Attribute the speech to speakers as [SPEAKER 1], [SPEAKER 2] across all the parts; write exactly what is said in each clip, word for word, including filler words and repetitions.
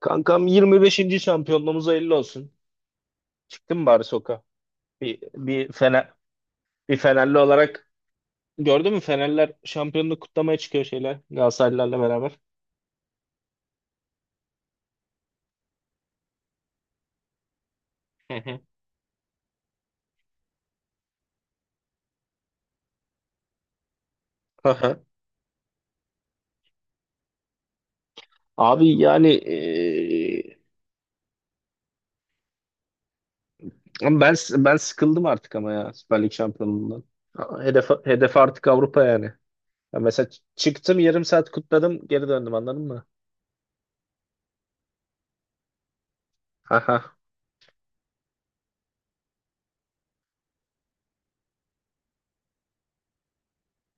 [SPEAKER 1] Kankam yirmi beşinci şampiyonluğumuz hayırlı olsun. Çıktın bari sokağa? Bir, bir, Fener, bir Fenerli olarak gördün mü Fenerler şampiyonluğu kutlamaya çıkıyor şeyler Galatasaraylılarla beraber. Hı hı. Hı hı. Abi yani eee, ben ben sıkıldım artık ama ya Süper Lig şampiyonluğundan. Hedef, hedef artık Avrupa yani. Ya mesela çıktım yarım saat kutladım geri döndüm anladın mı? Aha.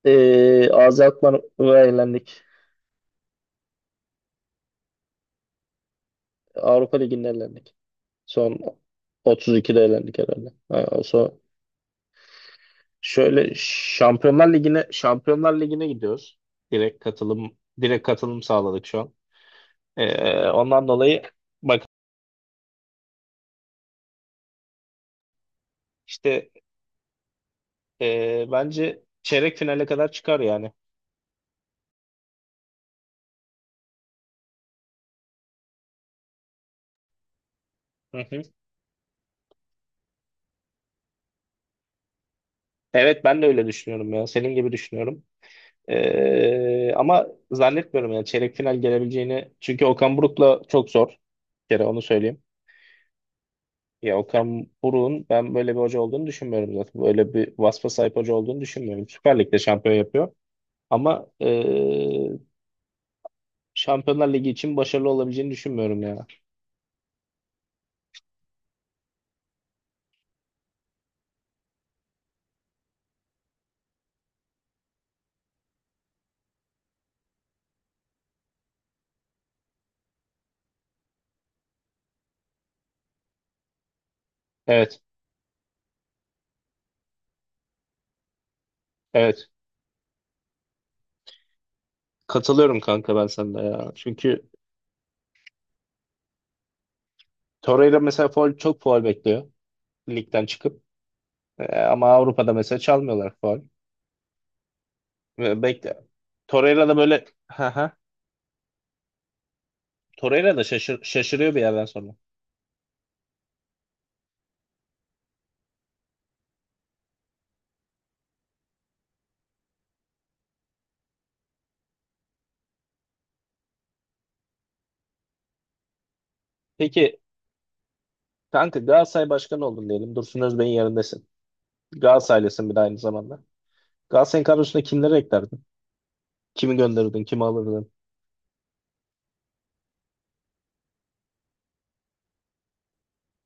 [SPEAKER 1] Eee Ağzı Akman'a eğlendik. Avrupa Ligi'nde eğlendik. Son otuz ikide elendik herhalde. Ha, so şöyle Şampiyonlar Ligi'ne Şampiyonlar Ligi'ne gidiyoruz. Direkt katılım direkt katılım sağladık şu an. Ee, ondan dolayı bak işte ee, bence çeyrek finale kadar çıkar yani. Hı hı. Evet ben de öyle düşünüyorum ya. Senin gibi düşünüyorum. Ee, ama zannetmiyorum yani çeyrek final gelebileceğini. Çünkü Okan Buruk'la çok zor. Bir kere onu söyleyeyim. Ya Okan Buruk'un ben böyle bir hoca olduğunu düşünmüyorum zaten. Böyle bir vasfa sahip hoca olduğunu düşünmüyorum. Süper Lig'de şampiyon yapıyor. Ama eee, Şampiyonlar Ligi için başarılı olabileceğini düşünmüyorum ya. Evet, evet. Katılıyorum kanka ben sana ya. Çünkü Torreira mesela faul, çok faul bekliyor ligden çıkıp. Eee, ama Avrupa'da mesela çalmıyorlar faul. Ve bekle. Torreira da böyle ha ha. Torreira da şaşır, şaşırıyor bir yerden sonra. Peki kanka Galatasaray başkanı oldun diyelim. Dursun Özbey'in yerindesin. Galatasaraylısın bir de aynı zamanda. Galatasaray'ın kadrosuna kimleri eklerdin? Kimi gönderirdin? Kimi alırdın?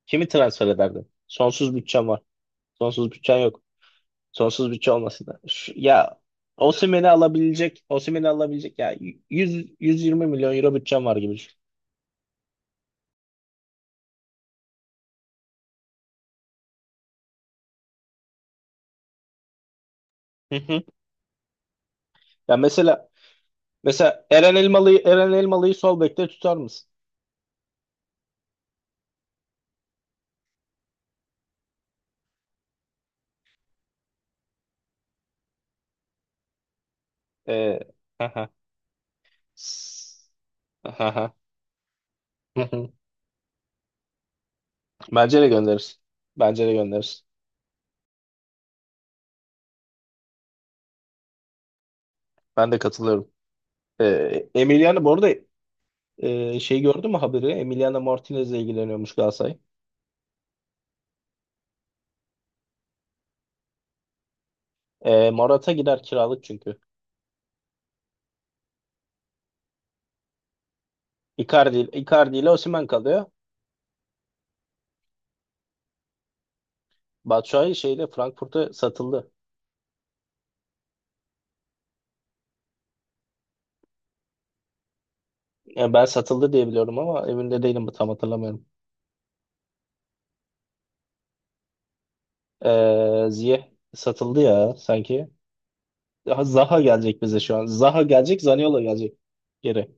[SPEAKER 1] Kimi transfer ederdin? Sonsuz bütçen var. Sonsuz bütçen yok. Sonsuz bütçe olması da. Şu- ya Osimhen'i alabilecek, Osimhen'i alabilecek ya yüz yüz yirmi milyon euro bütçen var gibi düşün. Hı hı. Ya mesela mesela Eren Elmalı'yı Eren Elmalı'yı sol bekte tutar mısın? Ee, aha. S- aha. Hı hı. Hı. Bence de gönderirsin. Bence de gönderirsin. Ben de katılıyorum. Ee, Emiliano bu arada Ee, şey gördün mü haberi? Emiliano Martinez'le ilgileniyormuş Galatasaray. Ee, Morata gider kiralık çünkü. Icardi, Icardi ile Osimhen kalıyor. Batshuayi şeyle Frankfurt'a satıldı. Yani ben satıldı diye biliyorum ama emin de değilim tam hatırlamıyorum. Ee, Ziyech satıldı ya sanki. Daha Zaha gelecek bize şu an. Zaha gelecek, Zaniolo gelecek geri.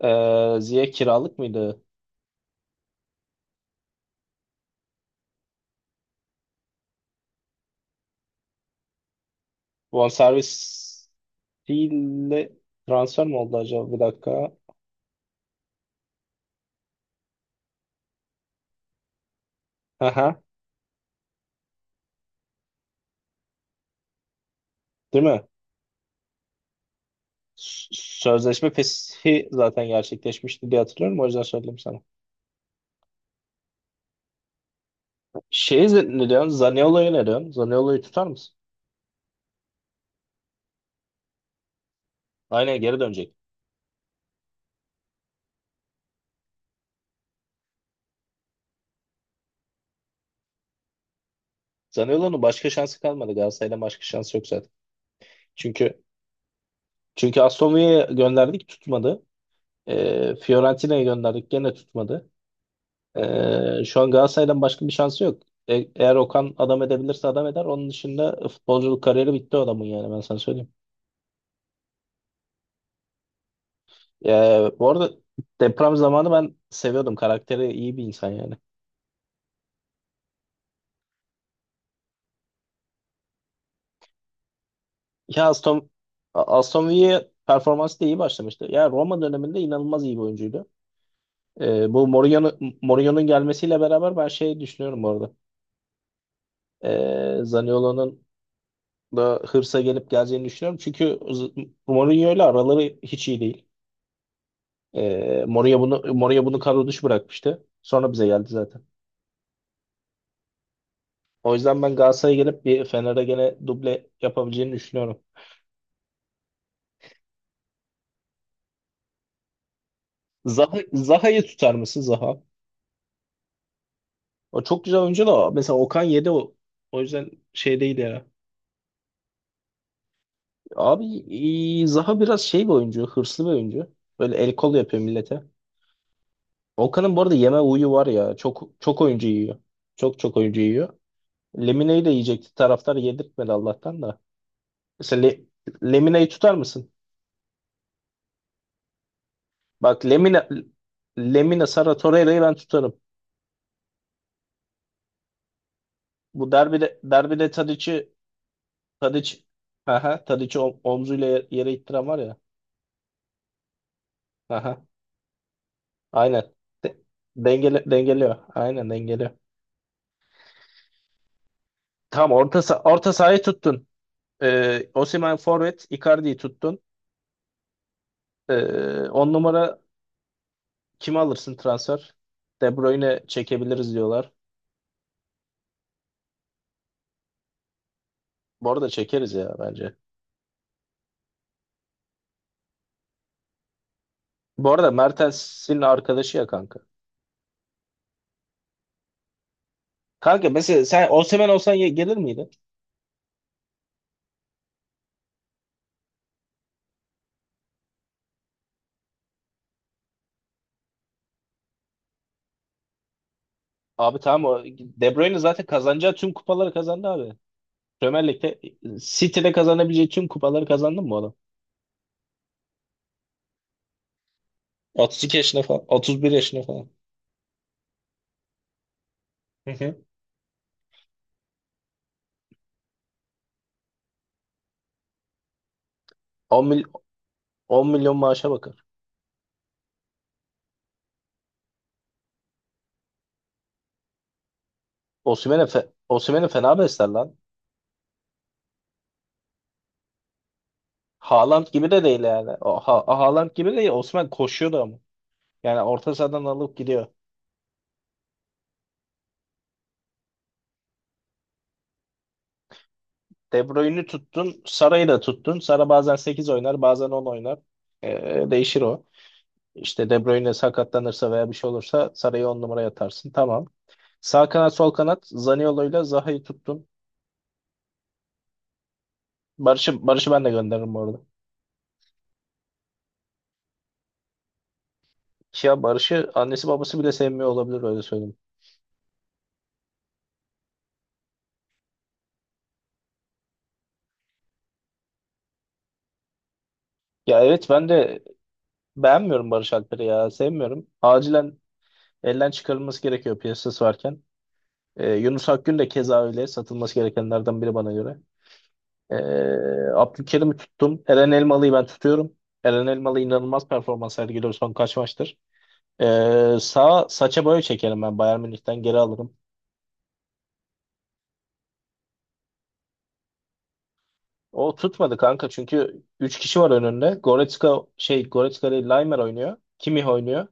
[SPEAKER 1] Ee, Ziyech kiralık mıydı? Bonservis ile transfer mi oldu acaba? Bir dakika. Aha, değil mi? Sözleşme feshi zaten gerçekleşmişti diye hatırlıyorum. O yüzden söyledim sana. Şey, ne diyorsun? Zaniolo'yu ne diyorsun? Zaniolo'yu tutar mısın? Aynen geri dönecek. Zaniolo'nun başka şansı kalmadı. Galatasaray'dan başka şansı yok zaten. Çünkü çünkü Aston Villa'ya gönderdik tutmadı. Ee, Fiorentina'ya gönderdik gene tutmadı. Ee, şu an Galatasaray'dan başka bir şansı yok. E- eğer Okan adam edebilirse adam eder. Onun dışında futbolculuk kariyeri bitti o adamın yani ben sana söyleyeyim. Ee, bu arada deprem zamanı ben seviyordum. Karakteri iyi bir insan yani. Ya Aston, Aston Villa performansı da iyi başlamıştı. Ya Roma döneminde inanılmaz iyi bir oyuncuydu. Ee, bu Mourinho'nun Mourinho'nun gelmesiyle beraber ben şey düşünüyorum bu arada. Ee, Zaniolo'nun da hırsa gelip geleceğini düşünüyorum. Çünkü Z- Mourinho ile araları hiç iyi değil. Ee, Mourinho bunu, Mourinho bunu kadro dışı bırakmıştı. Sonra bize geldi zaten. O yüzden ben Galatasaray'a gelip bir Fener'e gene duble yapabileceğini düşünüyorum. Zaha, Zaha'yı tutar mısın Zaha? O çok güzel oyuncu da mesela Okan yedi o. O yüzden şey değil ya. Abi e, Zaha biraz şey bir oyuncu, hırslı bir oyuncu. Böyle el kol yapıyor millete. Okan'ın bu arada yeme huyu var ya. Çok çok oyuncu yiyor. Çok çok oyuncu yiyor. Lemine'yi de yiyecekti. Taraftar yedirtmedi Allah'tan da. Mesela Le- Lemine'yi tutar mısın? Bak Lemine Lemine Sara Torreira'yı ben tutarım. Bu derbide derbide Tadic'i Tadic, Aha, Tadic'i om- omzuyla yere ittiren var ya. Aha. Aynen. De- dengeli Dengeliyor. Aynen dengeliyor. Tamam orta sa- orta sahayı tuttun. Ee, Osimhen forvet, Icardi'yi tuttun. Ee, On numara kimi alırsın transfer? De Bruyne çekebiliriz diyorlar. Bu arada çekeriz ya bence. Bu arada Mertens'in arkadaşı ya kanka. Kanka mesela sen Osimhen olsan ye- gelir miydin? Abi tamam o De Bruyne zaten kazanacağı tüm kupaları kazandı abi. Premier Lig'de City'de kazanabileceği tüm kupaları kazandı mı bu adam? otuz iki yaşında falan, otuz bir yaşında falan. 10, mil- on milyon maaşa bakar. Osimhen'e fe, Osimhen'i fena besler lan. Haaland gibi de değil yani. O, ha, Haaland gibi değil. Osimhen koşuyordu ama. Yani orta sahadan alıp gidiyor. De Bruyne'i tuttun. Sara'yı da tuttun. Sara bazen sekiz oynar bazen on oynar. Ee, değişir o. İşte De Bruyne sakatlanırsa veya bir şey olursa Sara'yı on numaraya atarsın. Tamam. Sağ kanat sol kanat Zaniolo'yla Zaha'yı tuttun. Barış'ı Barış'ı ben de gönderirim bu arada. Ya Barış'ı annesi babası bile sevmiyor olabilir öyle söyleyeyim. Ya evet ben de beğenmiyorum Barış Alper'i ya. Sevmiyorum. Acilen elden çıkarılması gerekiyor piyasası varken. Ee, Yunus Akgün de keza öyle. Satılması gerekenlerden biri bana göre. Ee, Abdülkerim'i tuttum. Eren Elmalı'yı ben tutuyorum. Eren Elmalı inanılmaz performans sergiliyor son kaç maçtır. Ee, sağ saça boya çekerim ben Bayern Münih'ten geri alırım. O tutmadı kanka çünkü üç kişi var önünde. Goretzka şey, Goretzka değil, Laimer oynuyor. Kimmich oynuyor.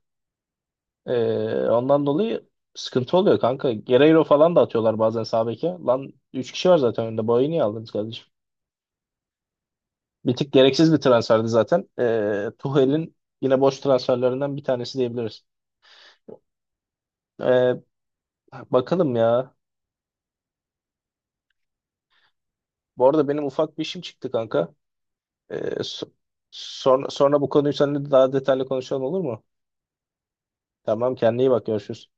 [SPEAKER 1] Ee, ondan dolayı sıkıntı oluyor kanka. Guerreiro falan da atıyorlar bazen sağ beke. Lan üç kişi var zaten önünde. Boyu niye aldınız kardeşim? Bir tık gereksiz bir transferdi zaten. Ee, Tuchel'in yine boş transferlerinden bir tanesi diyebiliriz. Ee, Bakalım ya. Bu arada benim ufak bir işim çıktı kanka. Ee, so- sonra, sonra bu konuyu seninle daha detaylı konuşalım olur mu? Tamam kendine iyi bak görüşürüz.